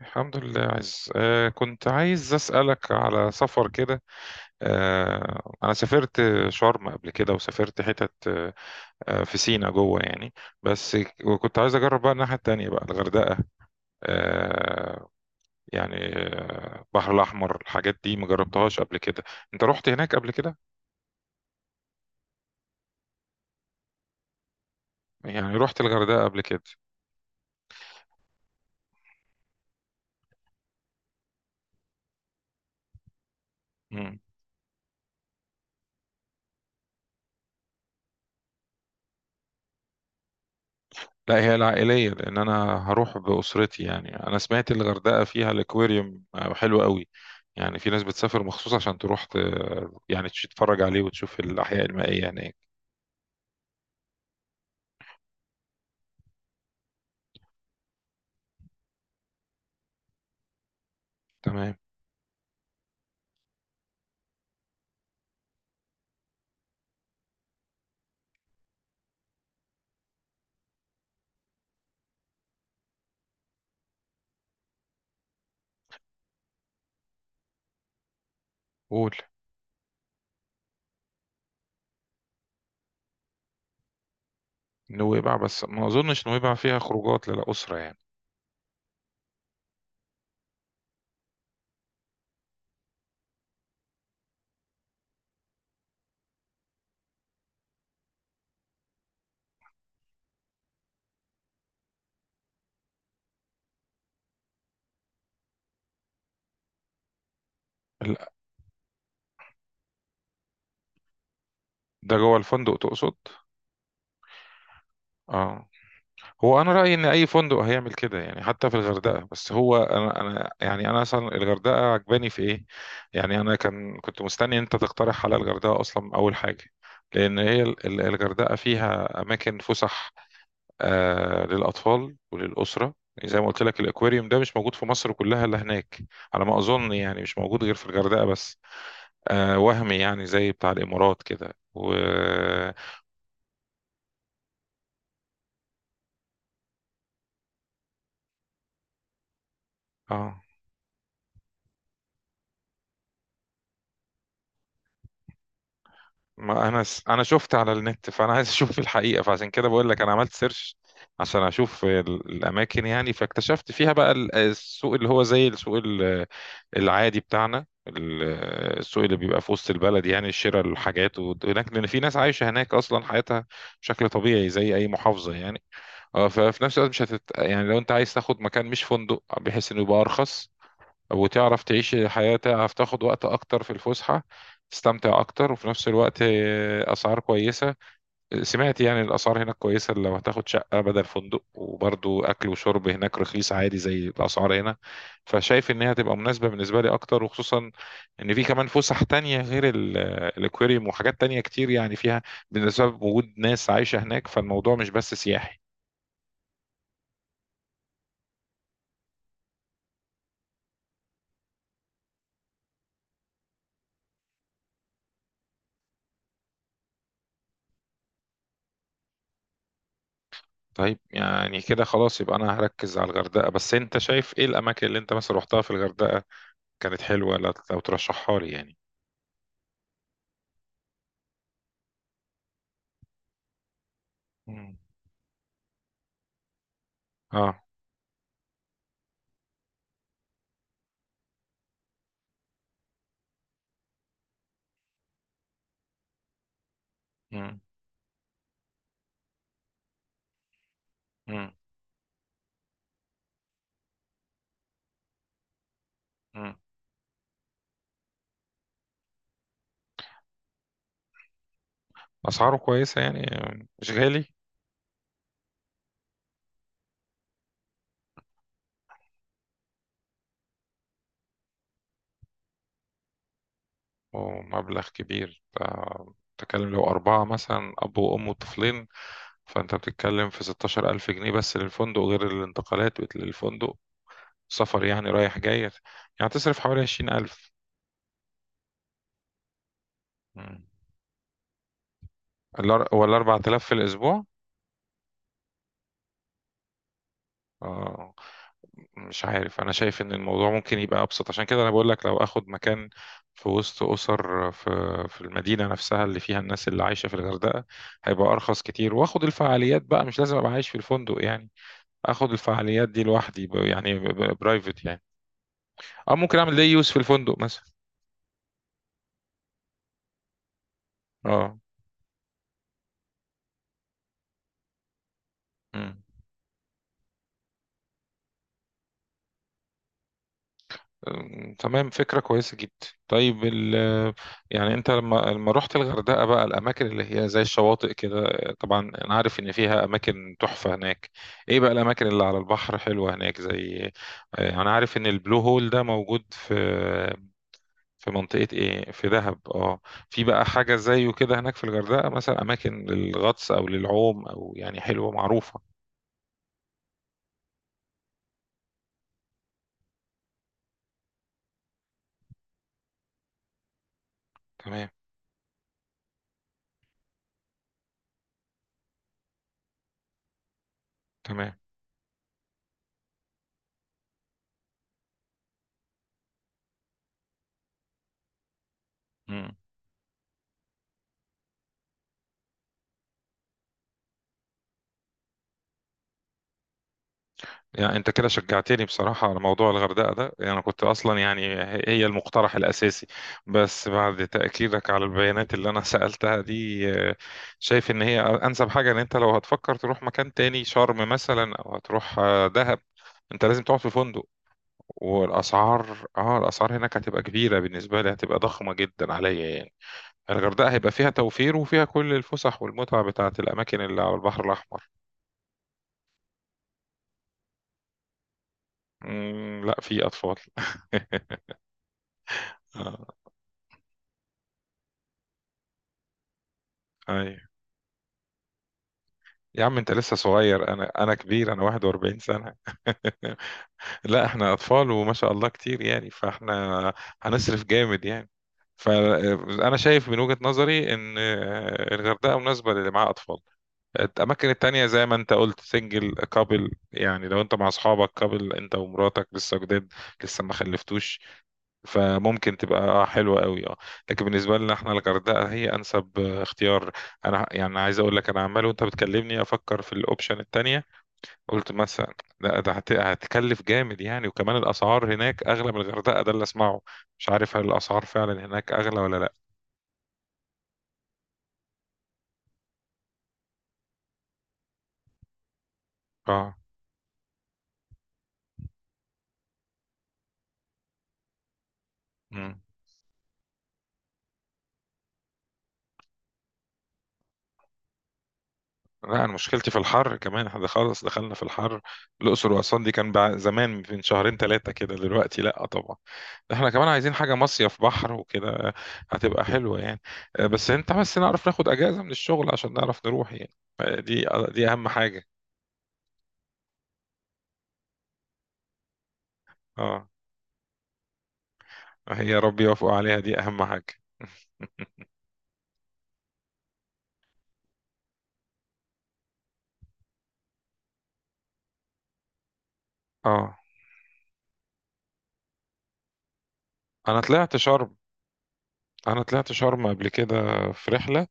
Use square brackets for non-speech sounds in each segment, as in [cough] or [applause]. الحمد لله، عايز آه كنت عايز أسألك على سفر كده. آه أنا سافرت شرم قبل كده وسافرت حتت آه آه، في سينا جوه يعني بس. وكنت عايز أجرب بقى الناحية التانية بقى الغردقة. آه يعني آه، البحر الأحمر الحاجات دي مجربتهاش قبل كده. أنت رحت هناك قبل كده؟ يعني رحت الغردقة قبل كده. لا هي العائلية لأن أنا هروح بأسرتي، يعني أنا سمعت الغردقة فيها الأكواريوم حلو قوي. يعني في ناس بتسافر مخصوص عشان تروح يعني تتفرج عليه وتشوف الأحياء المائية هناك. تمام. قول. نويبع؟ بس ما أظنش نويبع فيها خروجات للأسرة يعني. لا، ده جوه الفندق تقصد؟ اه. هو انا رايي ان اي فندق هيعمل كده يعني حتى في الغردقه، بس هو انا يعني انا اصلا الغردقه عجباني في ايه. يعني انا كنت مستني إن انت تقترح على الغردقه اصلا اول حاجه، لان هي الغردقه فيها اماكن فسح آه للاطفال وللاسره، يعني زي ما قلت لك الاكواريوم ده مش موجود في مصر كلها الا هناك، على ما اظن. يعني مش موجود غير في الغردقه بس. آه وهمي يعني زي بتاع الامارات كده و اه. ما انا س... انا شفت على النت، فانا عايز اشوف [laughs] الحقيقه، فعشان كده بقول لك انا عملت سيرش عشان اشوف الاماكن، يعني فاكتشفت فيها بقى السوق اللي هو زي السوق العادي بتاعنا السوق اللي بيبقى في وسط البلد، يعني شراء الحاجات. وهناك لان في ناس عايشه هناك اصلا حياتها بشكل طبيعي زي اي محافظه يعني. اه ففي نفس الوقت مش هتت... يعني لو انت عايز تاخد مكان مش فندق بحيث انه يبقى ارخص وتعرف تعيش الحياة، تعرف تاخد وقت أكتر في الفسحة تستمتع أكتر، وفي نفس الوقت آه، أسعار كويسة. سمعت يعني الأسعار هناك كويسة لو هتاخد شقة بدل فندق، وبرضو أكل وشرب هناك رخيص عادي زي الأسعار هنا. فشايف إن هي هتبقى مناسبة بالنسبة لي أكتر، وخصوصا إن في كمان فسح تانية غير الأكواريوم وحاجات تانية كتير يعني فيها، بالنسبة وجود ناس عايشة هناك، فالموضوع مش بس سياحي. طيب يعني كده خلاص يبقى أنا هركز على الغردقة، بس أنت شايف إيه الأماكن اللي أنت مثلا روحتها في الغردقة كانت حلوة لو ترشحها لي يعني. مم. اه. مم. مم. مم. أسعاره كويسة يعني؟ مش غالي؟ ومبلغ كبير آه، بتتكلم لو أربعة مثلا أب وأم وطفلين فأنت بتتكلم في 16000 جنيه بس للفندق، غير الانتقالات للفندق، سفر يعني رايح جاي. يعني تصرف حوالي 20000. مم. ولا 4000 في الأسبوع؟ آه. مش عارف، انا شايف ان الموضوع ممكن يبقى ابسط، عشان كده انا بقول لك لو اخد مكان في وسط اسر في في المدينه نفسها اللي فيها الناس اللي عايشه في الغردقه، هيبقى ارخص كتير، واخد الفعاليات بقى مش لازم ابقى عايش في الفندق يعني. اخد الفعاليات دي لوحدي ب- يعني برايفت يعني، او ممكن اعمل دي يوز في الفندق مثلا. اه. أم، تمام فكرة كويسة جدا. طيب ال يعني انت لما رحت الغردقة بقى، الأماكن اللي هي زي الشواطئ كده، طبعا أنا عارف إن فيها أماكن تحفة هناك، إيه بقى الأماكن اللي على البحر حلوة هناك؟ زي آه، أنا عارف إن البلو هول ده موجود في في منطقة إيه، في دهب أه. في بقى حاجة زيه كده هناك في الغردقة مثلا، أماكن للغطس أو للعوم أو يعني حلوة معروفة؟ تمام. تمام. يعني انت كده شجعتني بصراحة على موضوع الغردقة ده، يعني انا كنت اصلا يعني هي المقترح الاساسي، بس بعد تأكيدك على البيانات اللي انا [laughs] سألتها دي آه، شايف ان هي انسب حاجة. ان انت لو هتفكر تروح مكان تاني شرم مثلا او هتروح آه، دهب، انت لازم تقعد في فندق، والاسعار اه الاسعار هناك هتبقى كبيرة بالنسبة لي، هتبقى ضخمة جدا عليا يعني. الغردقة هيبقى فيها توفير وفيها كل الفسح والمتعة بتاعت الأماكن اللي على البحر الأحمر. مم، لا في أطفال. [laughs] آه، أيوة. يا عم انت لسه صغير، انا كبير، انا 41 سنة. [laughs] لا احنا اطفال وما شاء الله كتير، يعني فاحنا هنصرف جامد يعني. فانا شايف من وجهة نظري ان آه، الغردقة مناسبة للي معاه اطفال. الاماكن التانية زي ما انت قلت سنجل كابل، يعني لو انت مع اصحابك كابل انت ومراتك لسه جداد لسه ما خلفتوش، فممكن تبقى حلوة قوي اه. لكن بالنسبة لنا احنا، الغردقة هي انسب آه، اختيار. انا يعني عايز اقول لك انا عمال وانت بتكلمني افكر في الاوبشن التانية، قلت مثلا لا ده هتكلف جامد يعني، وكمان الاسعار هناك اغلى من الغردقة ده اللي اسمعه. مش عارف هل الاسعار فعلا هناك اغلى ولا لا. اه. لا انا مشكلتي في الحر كمان، احنا خلاص دخلنا في الحر. الاقصر واسوان دي كان زمان من شهرين ثلاثه كده، دلوقتي لا طبعا. احنا كمان عايزين حاجه مصيف بحر وكده هتبقى حلوه يعني. آه، بس انت بس نعرف ناخد اجازه من الشغل عشان نعرف نروح يعني. آه، دي اهم حاجه. اه هي يا رب يوفق عليها، دي اهم حاجه. [laughs] اه. انا طلعت شرم. انا طلعت شرم قبل كده في رحله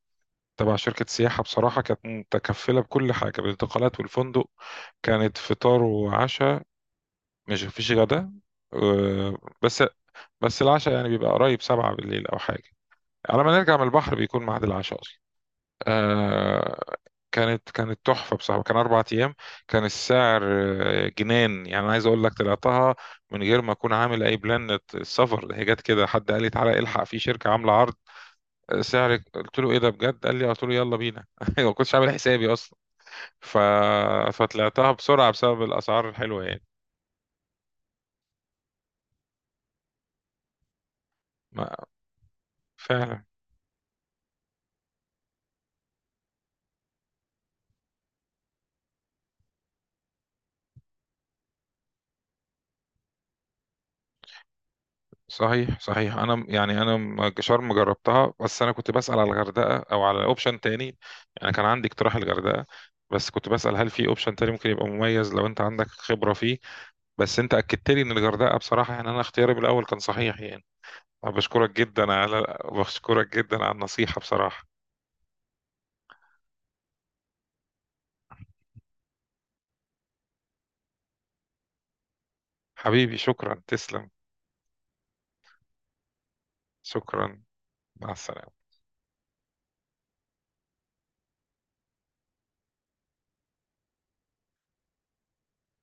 تبع شركة سياحة، بصراحة كانت متكفلة بكل حاجة، بالانتقالات والفندق، كانت فطار وعشاء، مش مفيش غدا آه، بس. بس العشاء يعني بيبقى قريب سبعة بالليل أو حاجة، على ما نرجع من البحر بيكون ميعاد العشاء أصلا آه، كانت تحفة بصراحة. كان أربع أيام. كان السعر آه، جنان يعني. أنا عايز أقول لك طلعتها من غير ما أكون عامل أي بلان السفر، هي جت كده، حد قال لي تعالى الحق في شركة عاملة عرض آه، سعرك. قلت له إيه ده بجد؟ قال لي آه. قلت له يلا بينا. [laughs] ما كنتش عامل حسابي ف... فطلعتها بسرعة بسبب الأسعار الحلوة يعني. ما... فعلا. صحيح صحيح. أنا يعني أنا شرم جربتها، بس أنا كنت بسأل على الغردقة أو على أوبشن تاني، يعني كان عندي اقتراح الغردقة، بس كنت بسأل هل في أوبشن تاني ممكن يبقى مميز لو أنت عندك خبرة فيه. بس أنت أكدت لي إن الغردقة، بصراحة يعني أنا اختياري بالأول كان صحيح يعني. أنا بشكرك جدا على النصيحة بصراحة. حبيبي شكرا تسلم. شكرا. مع السلامة.